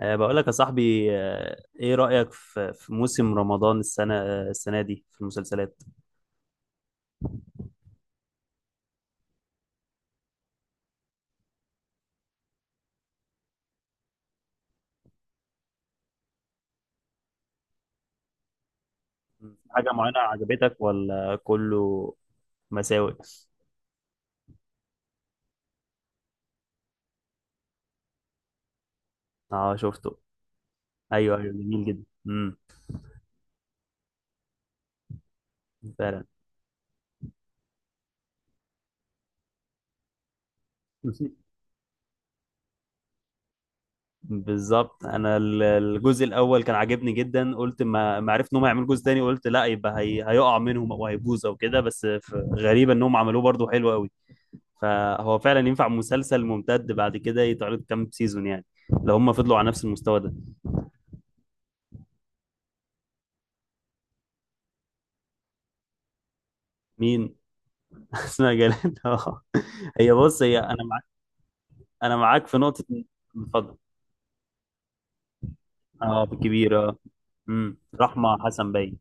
بقول لك يا صاحبي، ايه رأيك في موسم رمضان السنة دي في المسلسلات؟ في حاجة معينة عجبتك ولا كله مساوئ؟ اه شفته. ايوه ايوه، جميل جدا. امم، فعلا. بالظبط، انا الجزء الاول كان عاجبني جدا. قلت ما عرفت انهم هيعملوا جزء تاني، قلت لا يبقى هيقع منهم او هيبوظ او كده، بس غريبة انهم عملوه، برضو حلو قوي. فهو فعلا ينفع مسلسل ممتد بعد كده، يتعرض كام سيزون يعني، لو هم فضلوا على نفس المستوى ده. مين؟ اسمها جلال، اه. هي بص، هي انا معاك، انا معاك في اتفضل. اه بالكبيره. امم، رحمه حسن باين.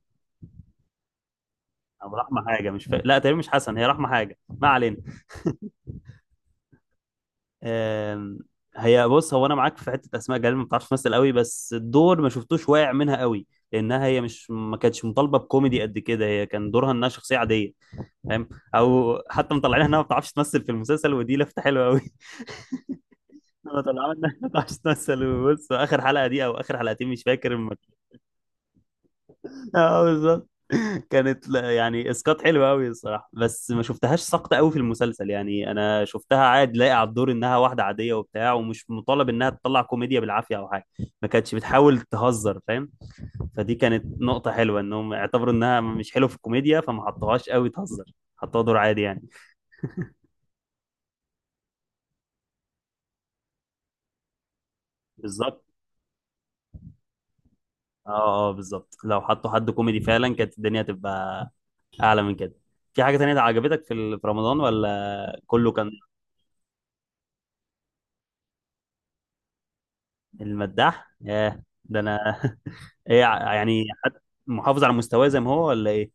او رحمه حاجه مش فا... لا، تقريبا مش حسن، هي رحمه حاجه، ما علينا. آم... هي بص، هو انا معاك في حته اسماء جلال ما بتعرفش تمثل قوي، بس الدور ما شفتوش واقع منها قوي، لانها هي مش ما كانتش مطالبه بكوميدي قد كده، هي كان دورها انها شخصيه عاديه، فاهم؟ او حتى مطلعينها انها ما بتعرفش تمثل في المسلسل، ودي لفته حلوه قوي. انا طلعنا نمثل. بص اخر حلقه دي، او اخر حلقتين مش فاكر، لما… اه بالظبط. كانت يعني اسقاط حلو قوي الصراحه، بس ما شفتهاش ساقطه قوي في المسلسل. يعني انا شفتها عادي لاقي على الدور انها واحده عاديه وبتاع، ومش مطالب انها تطلع كوميديا بالعافيه او حاجه، ما كانتش بتحاول تهزر، فاهم؟ فدي كانت نقطه حلوه، انهم اعتبروا انها مش حلوه في الكوميديا فما حطوهاش قوي تهزر، حطوها دور عادي يعني. بالظبط. اه اه بالظبط، لو حطوا حد كوميدي فعلا كانت الدنيا هتبقى اعلى من كده. في حاجه تانية عجبتك في في رمضان، ولا كله كان؟ المداح؟ ياه ده انا يعني حد محافظ على مستواه زي ما هو ولا ايه؟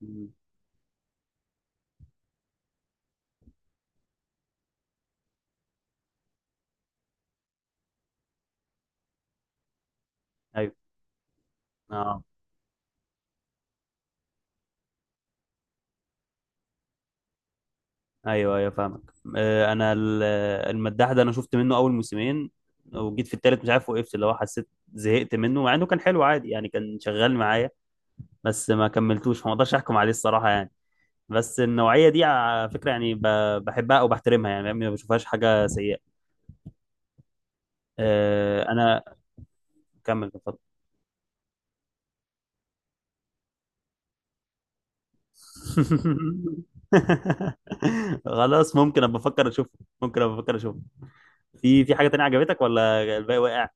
مم. ايوه. اه ايوه ايوه فاهمك. انا المداح ده انا شفت منه اول موسمين، وجيت في التالت مش عارف وقفت، اللي هو حسيت زهقت منه، مع انه كان حلو عادي يعني، كان شغال معايا، بس ما كملتوش، فما اقدرش احكم عليه الصراحه يعني. بس النوعيه دي على فكره يعني بحبها او بحترمها، يعني ما بشوفهاش حاجه سيئه. انا كمل بفضل. خلاص، ممكن ابقى افكر اشوفه، ممكن ابقى افكر اشوفه. في في حاجه تانية عجبتك ولا الباقي واقع؟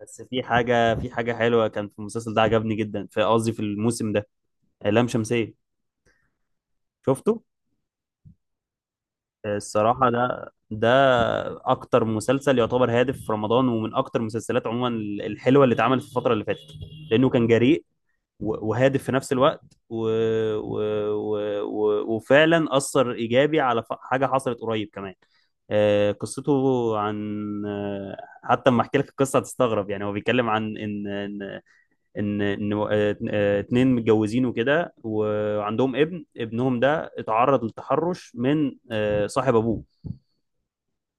بس في حاجه، في حاجه حلوه كان في المسلسل ده عجبني جدا، في قصدي في الموسم ده، لام شمسيه، شفته؟ الصراحه ده اكتر مسلسل يعتبر هادف في رمضان، ومن اكتر المسلسلات عموما الحلوه اللي اتعملت في الفتره اللي فاتت، لانه كان جريء وهادف في نفس الوقت، و... و... وفعلا أثر إيجابي على حاجة حصلت قريب كمان. قصته عن، آه، حتى لما احكي لك القصه هتستغرب يعني، هو بيتكلم عن ان ان ان, إن آه، آه، اتنين متجوزين وكده، وعندهم ابنهم ده اتعرض للتحرش من، صاحب ابوه،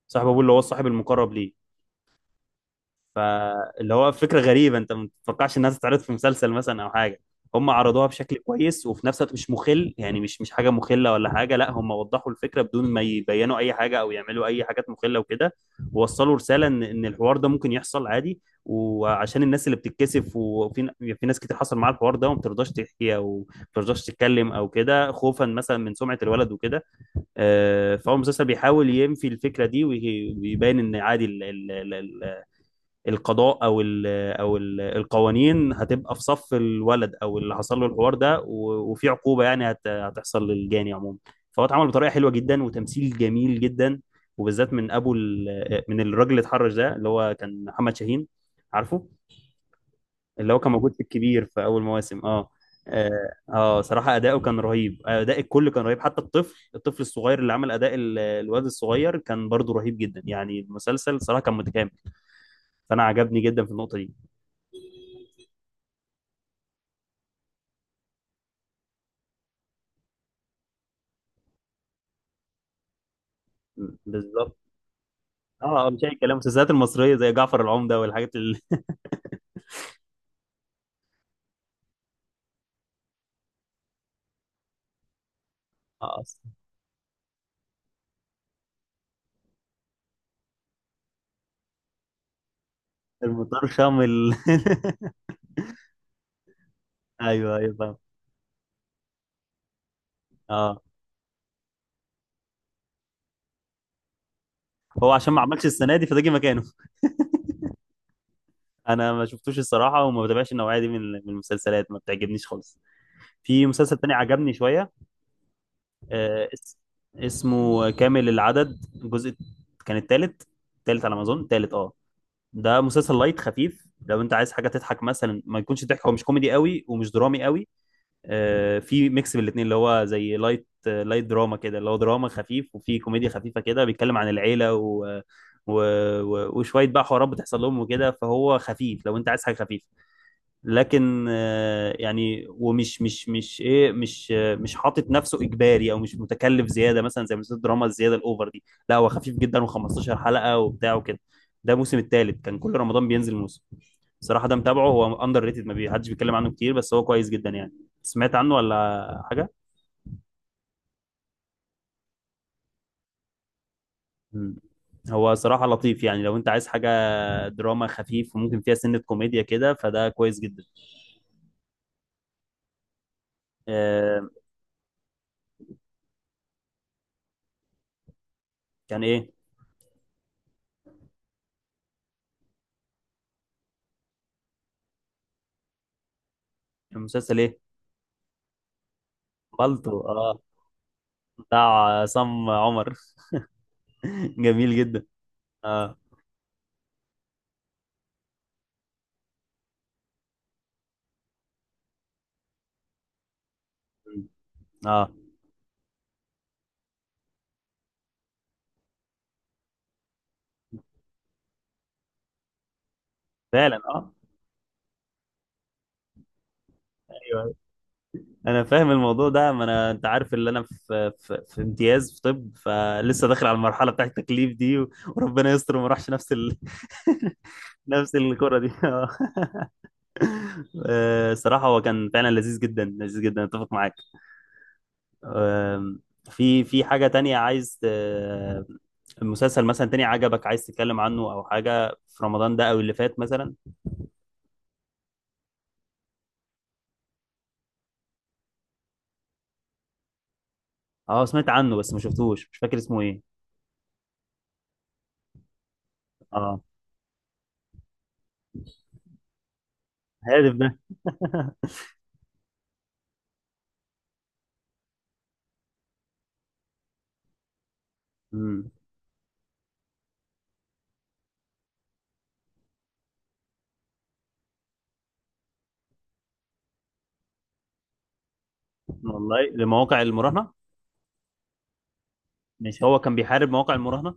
صاحب ابوه اللي هو الصاحب المقرب ليه. فاللي هو فكرة غريبة، انت ما تتوقعش انها تتعرض في مسلسل مثلا او حاجة. هم عرضوها بشكل كويس، وفي نفس الوقت مش مخل، يعني مش حاجة مخلة ولا حاجة، لا هم وضحوا الفكرة بدون ما يبينوا اي حاجة او يعملوا اي حاجات مخلة وكده. ووصلوا رسالة ان الحوار ده ممكن يحصل عادي، وعشان الناس اللي بتتكسف، وفي في ناس كتير حصل معاها الحوار ده، وما بترضاش تحكي او ما بترضاش تتكلم او كده، خوفا مثلا من سمعة الولد وكده. فهو المسلسل بيحاول ينفي الفكرة دي ويبين ان عادي، القضاء او ال القوانين هتبقى في صف الولد او اللي حصل له الحوار ده، وفي عقوبه يعني هتحصل للجاني عموما. فهو اتعمل بطريقه حلوه جدا، وتمثيل جميل جدا، وبالذات من من الراجل اللي اتحرش ده، اللي هو كان محمد شاهين، عارفه؟ اللي هو كان موجود في الكبير في اول مواسم، اه. اه، صراحه اداؤه كان رهيب، اداء الكل كان رهيب، حتى الطفل، الطفل الصغير اللي عمل اداء الواد الصغير كان برضو رهيب جدا. يعني المسلسل صراحه كان متكامل، فانا عجبني جدا في النقطه دي. بالظبط. اه، مش اي كلام المسلسلات المصريه زي جعفر العمده آه، المطرشم ال... ايوه ايوه فاهم. اه، هو عشان ما عملش السنه دي فده جه مكانه. انا ما شفتوش الصراحه، وما بتابعش النوعيه دي من المسلسلات، ما بتعجبنيش خالص. في مسلسل تاني عجبني شويه، آه اس... اسمه كامل العدد، الجزء كان التالت، التالت على ما اظن، التالت اه. ده مسلسل لايت خفيف، لو انت عايز حاجه تضحك مثلا، ما يكونش ضحك، هو مش كوميدي قوي ومش درامي قوي، في ميكس بين الاثنين، اللي هو زي لايت، لايت دراما كده، اللي هو دراما خفيف وفي كوميديا خفيفه كده، بيتكلم عن العيله و... آه، و... و... وشويه بقى حوارات بتحصل لهم وكده، فهو خفيف لو انت عايز حاجه خفيفه. لكن يعني ومش مش مش ايه مش آه، مش حاطط نفسه اجباري، او مش متكلف زياده مثلا زي مسلسلات الدراما الزياده الاوفر دي، لا هو خفيف جدا، و15 حلقه وبتاع وكده. ده الموسم الثالث، كان كل رمضان بينزل موسم. بصراحه ده متابعه، هو اندر ريتد، ما بي- حدش بيتكلم عنه كتير، بس هو كويس جدا يعني. سمعت عنه ولا حاجه؟ مم. هو صراحه لطيف، يعني لو انت عايز حاجه دراما خفيف وممكن فيها سنه كوميديا كده فده كويس جدا. آه، كان ايه؟ المسلسل ايه؟ بالطو، اه، بتاع عصام عمر. جميل جدا. اه. اه فعلا. اه ايوه، انا فاهم الموضوع ده، ما انا انت عارف اللي انا في امتياز في طب فلسه، داخل على المرحله بتاعت التكليف دي، وربنا يستر وما راحش نفس نفس الكره دي. آه. صراحه هو كان فعلا لذيذ جدا، لذيذ جدا، اتفق معاك. آم، في في حاجه تانية عايز، مسلسل مثلا تاني عجبك عايز تتكلم عنه، او حاجه في رمضان ده او اللي فات مثلا؟ اه سمعت عنه بس ما شفتوش، مش فاكر اسمه ايه. اه، هادف ده. امم. والله، لمواقع المراهنه؟ مش هو كان بيحارب مواقع المراهنه؟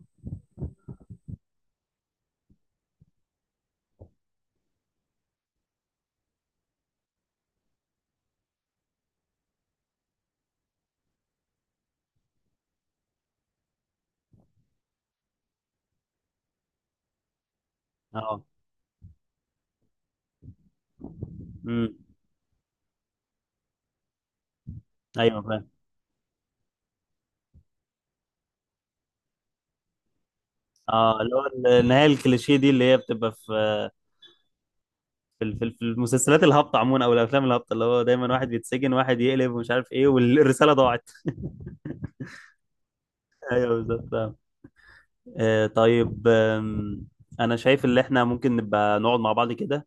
اه. امم. ايوه فاهم. اه، اللي هو النهايه الكليشيه دي اللي هي بتبقى في في المسلسلات الهابطه عموما او الافلام الهابطه، اللي هو دايما واحد بيتسجن، واحد يقلب، ومش عارف ايه، والرساله ضاعت. ايوه بالظبط فاهم. آه طيب، انا شايف ان احنا ممكن نبقى نقعد مع بعض كده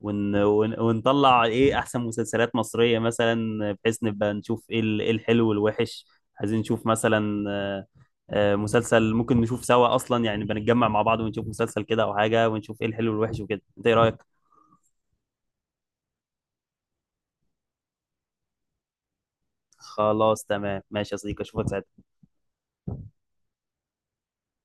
ونطلع ايه احسن مسلسلات مصرية مثلا، بحيث نبقى نشوف ايه إيه الحلو والوحش. عايزين نشوف مثلا مسلسل ممكن نشوف سوا اصلا يعني، بنتجمع مع بعض ونشوف مسلسل كده او حاجة، ونشوف ايه الحلو والوحش وكده، انت ايه رأيك؟ خلاص تمام ماشي يا صديقي، اشوفك ساعتها.